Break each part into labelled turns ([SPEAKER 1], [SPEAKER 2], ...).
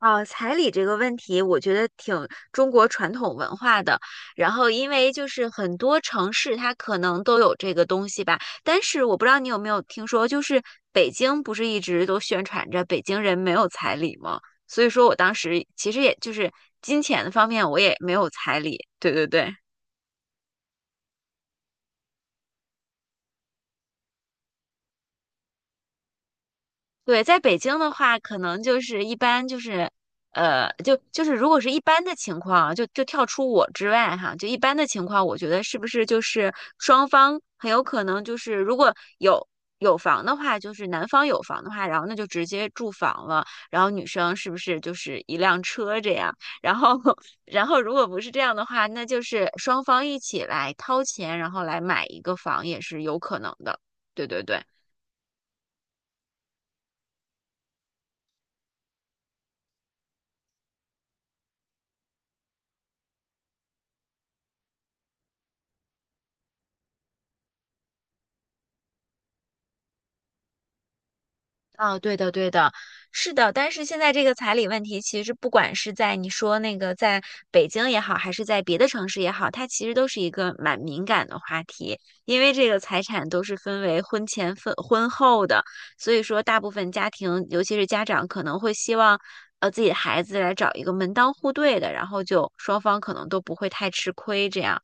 [SPEAKER 1] 哦，彩礼这个问题，我觉得挺中国传统文化的。然后，因为就是很多城市它可能都有这个东西吧，但是我不知道你有没有听说，就是北京不是一直都宣传着北京人没有彩礼吗？所以说我当时其实也就是金钱方面我也没有彩礼。对对对。对，在北京的话，可能就是一般就是，就是如果是一般的情况啊，就跳出我之外哈，就一般的情况，我觉得是不是就是双方很有可能就是如果有有房的话，就是男方有房的话，然后那就直接住房了，然后女生是不是就是一辆车这样？然后 然后如果不是这样的话，那就是双方一起来掏钱，然后来买一个房也是有可能的。对对对。啊，对的，对的，是的。但是现在这个彩礼问题，其实不管是在你说那个在北京也好，还是在别的城市也好，它其实都是一个蛮敏感的话题，因为这个财产都是分为婚前分婚后的，所以说大部分家庭，尤其是家长，可能会希望自己的孩子来找一个门当户对的，然后就双方可能都不会太吃亏这样。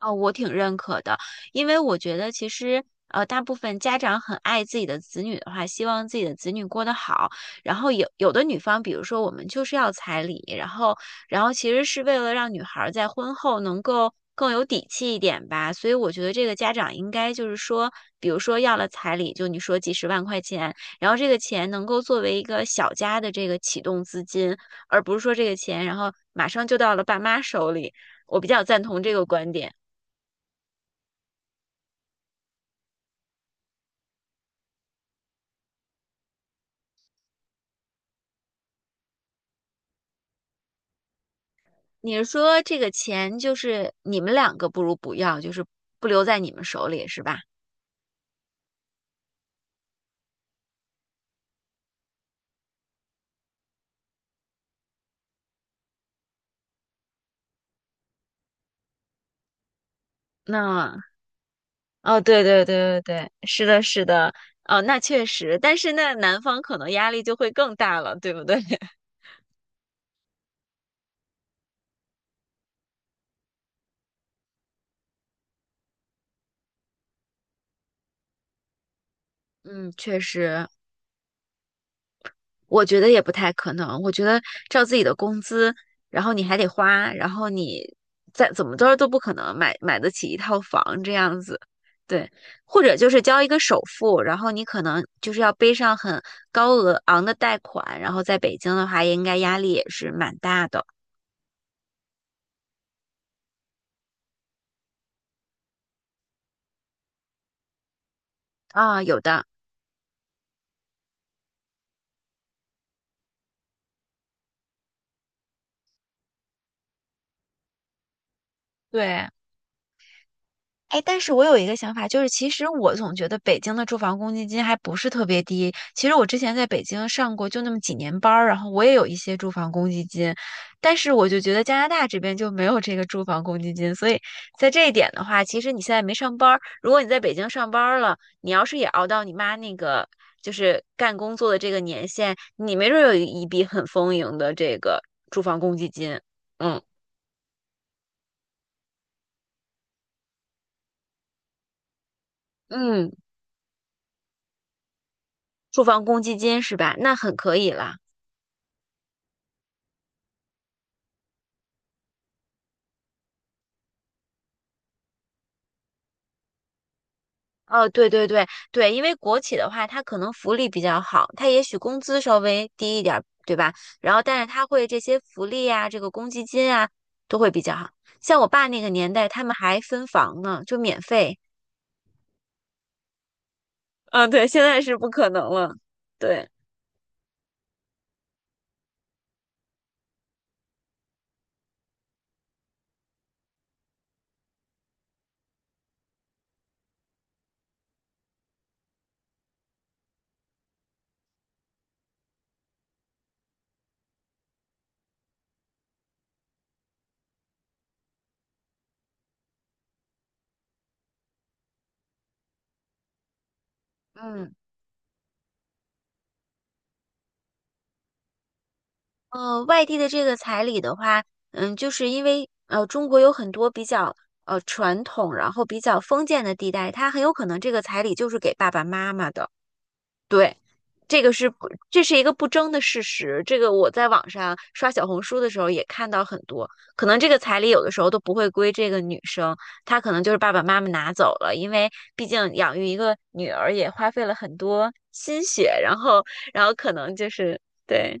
[SPEAKER 1] 哦，我挺认可的，因为我觉得其实大部分家长很爱自己的子女的话，希望自己的子女过得好。然后有的女方，比如说我们就是要彩礼，然后其实是为了让女孩儿在婚后能够更有底气一点吧。所以我觉得这个家长应该就是说，比如说要了彩礼，就你说几十万块钱，然后这个钱能够作为一个小家的这个启动资金，而不是说这个钱然后马上就到了爸妈手里。我比较赞同这个观点。你是说这个钱就是你们两个不如不要，就是不留在你们手里是吧？那哦，对对对对对，是的，是的，哦，那确实，但是那男方可能压力就会更大了，对不对？嗯，确实，我觉得也不太可能。我觉得照自己的工资，然后你还得花，然后你再怎么着都不可能买得起一套房这样子。对，或者就是交一个首付，然后你可能就是要背上很高额昂的贷款，然后在北京的话，应该压力也是蛮大的啊，有的。对，哎，但是我有一个想法，就是其实我总觉得北京的住房公积金还不是特别低。其实我之前在北京上过就那么几年班儿，然后我也有一些住房公积金，但是我就觉得加拿大这边就没有这个住房公积金，所以在这一点的话，其实你现在没上班儿，如果你在北京上班儿了，你要是也熬到你妈那个就是干工作的这个年限，你没准儿有一笔很丰盈的这个住房公积金。嗯嗯，住房公积金是吧？那很可以了。哦，对对对对，因为国企的话，它可能福利比较好，它也许工资稍微低一点儿，对吧？然后，但是它会这些福利啊，这个公积金啊，都会比较好。像我爸那个年代，他们还分房呢，就免费。嗯，对，现在是不可能了。对，嗯，外地的这个彩礼的话，嗯，就是因为中国有很多比较传统，然后比较封建的地带，它很有可能这个彩礼就是给爸爸妈妈的。对，这个是不，这是一个不争的事实。这个我在网上刷小红书的时候也看到很多，可能这个彩礼有的时候都不会归这个女生，她可能就是爸爸妈妈拿走了，因为毕竟养育一个女儿也花费了很多心血，然后，然后可能就是对。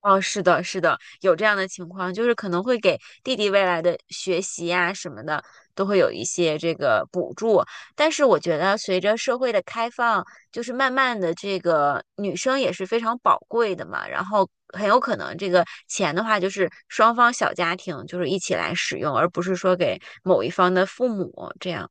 [SPEAKER 1] 哦，是的，是的，有这样的情况，就是可能会给弟弟未来的学习呀、什么的，都会有一些这个补助。但是我觉得，随着社会的开放，就是慢慢的，这个女生也是非常宝贵的嘛。然后很有可能这个钱的话，就是双方小家庭就是一起来使用，而不是说给某一方的父母这样。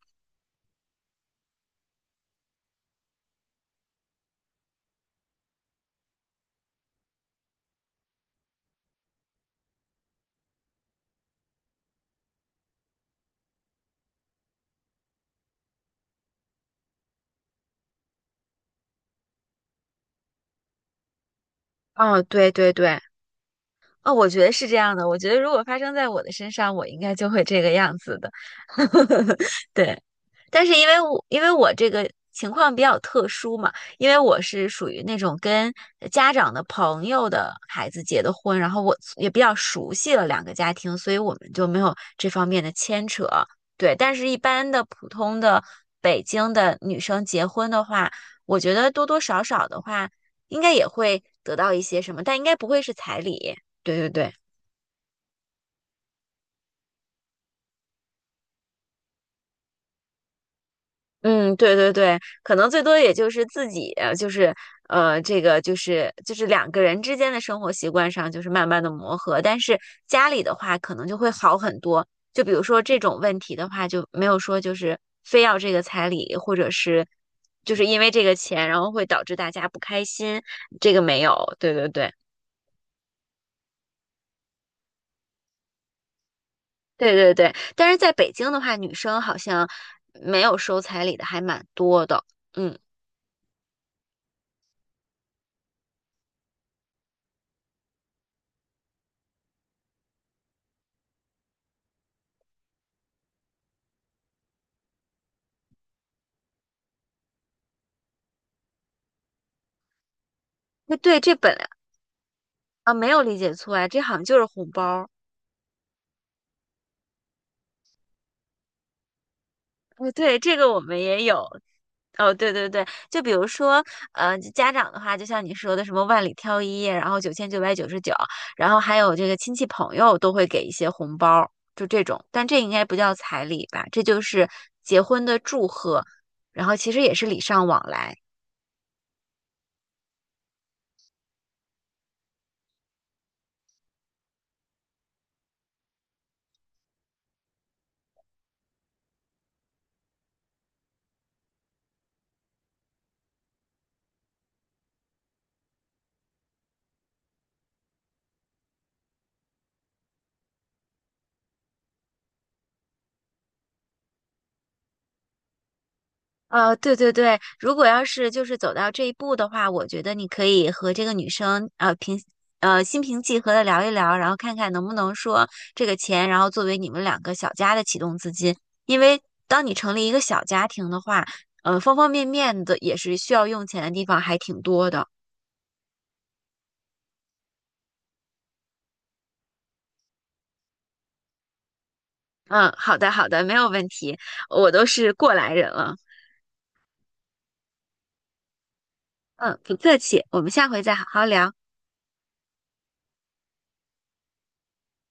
[SPEAKER 1] 哦，对对对，哦，我觉得是这样的。我觉得如果发生在我的身上，我应该就会这个样子的。对，但是因为我这个情况比较特殊嘛，因为我是属于那种跟家长的朋友的孩子结的婚，然后我也比较熟悉了两个家庭，所以我们就没有这方面的牵扯。对，但是一般的普通的北京的女生结婚的话，我觉得多多少少的话，应该也会得到一些什么，但应该不会是彩礼。对对对，嗯，对对对，可能最多也就是自己，就是这个就是两个人之间的生活习惯上，就是慢慢的磨合，但是家里的话，可能就会好很多。就比如说这种问题的话，就没有说就是非要这个彩礼，或者是就是因为这个钱，然后会导致大家不开心，这个没有。对对对，对对对。但是在北京的话，女生好像没有收彩礼的还蛮多的，嗯。那对，这本来。啊，没有理解错呀，这好像就是红包儿。哦，对，这个我们也有。哦，对对对，就比如说，家长的话，就像你说的什么万里挑一，然后9999，然后还有这个亲戚朋友都会给一些红包儿，就这种。但这应该不叫彩礼吧？这就是结婚的祝贺，然后其实也是礼尚往来。对对对，如果要是就是走到这一步的话，我觉得你可以和这个女生呃平呃心平气和的聊一聊，然后看看能不能说这个钱，然后作为你们两个小家的启动资金。因为当你成立一个小家庭的话，方方面面的也是需要用钱的地方还挺多的。嗯，好的好的，没有问题，我都是过来人了。嗯，不客气，我们下回再好好聊。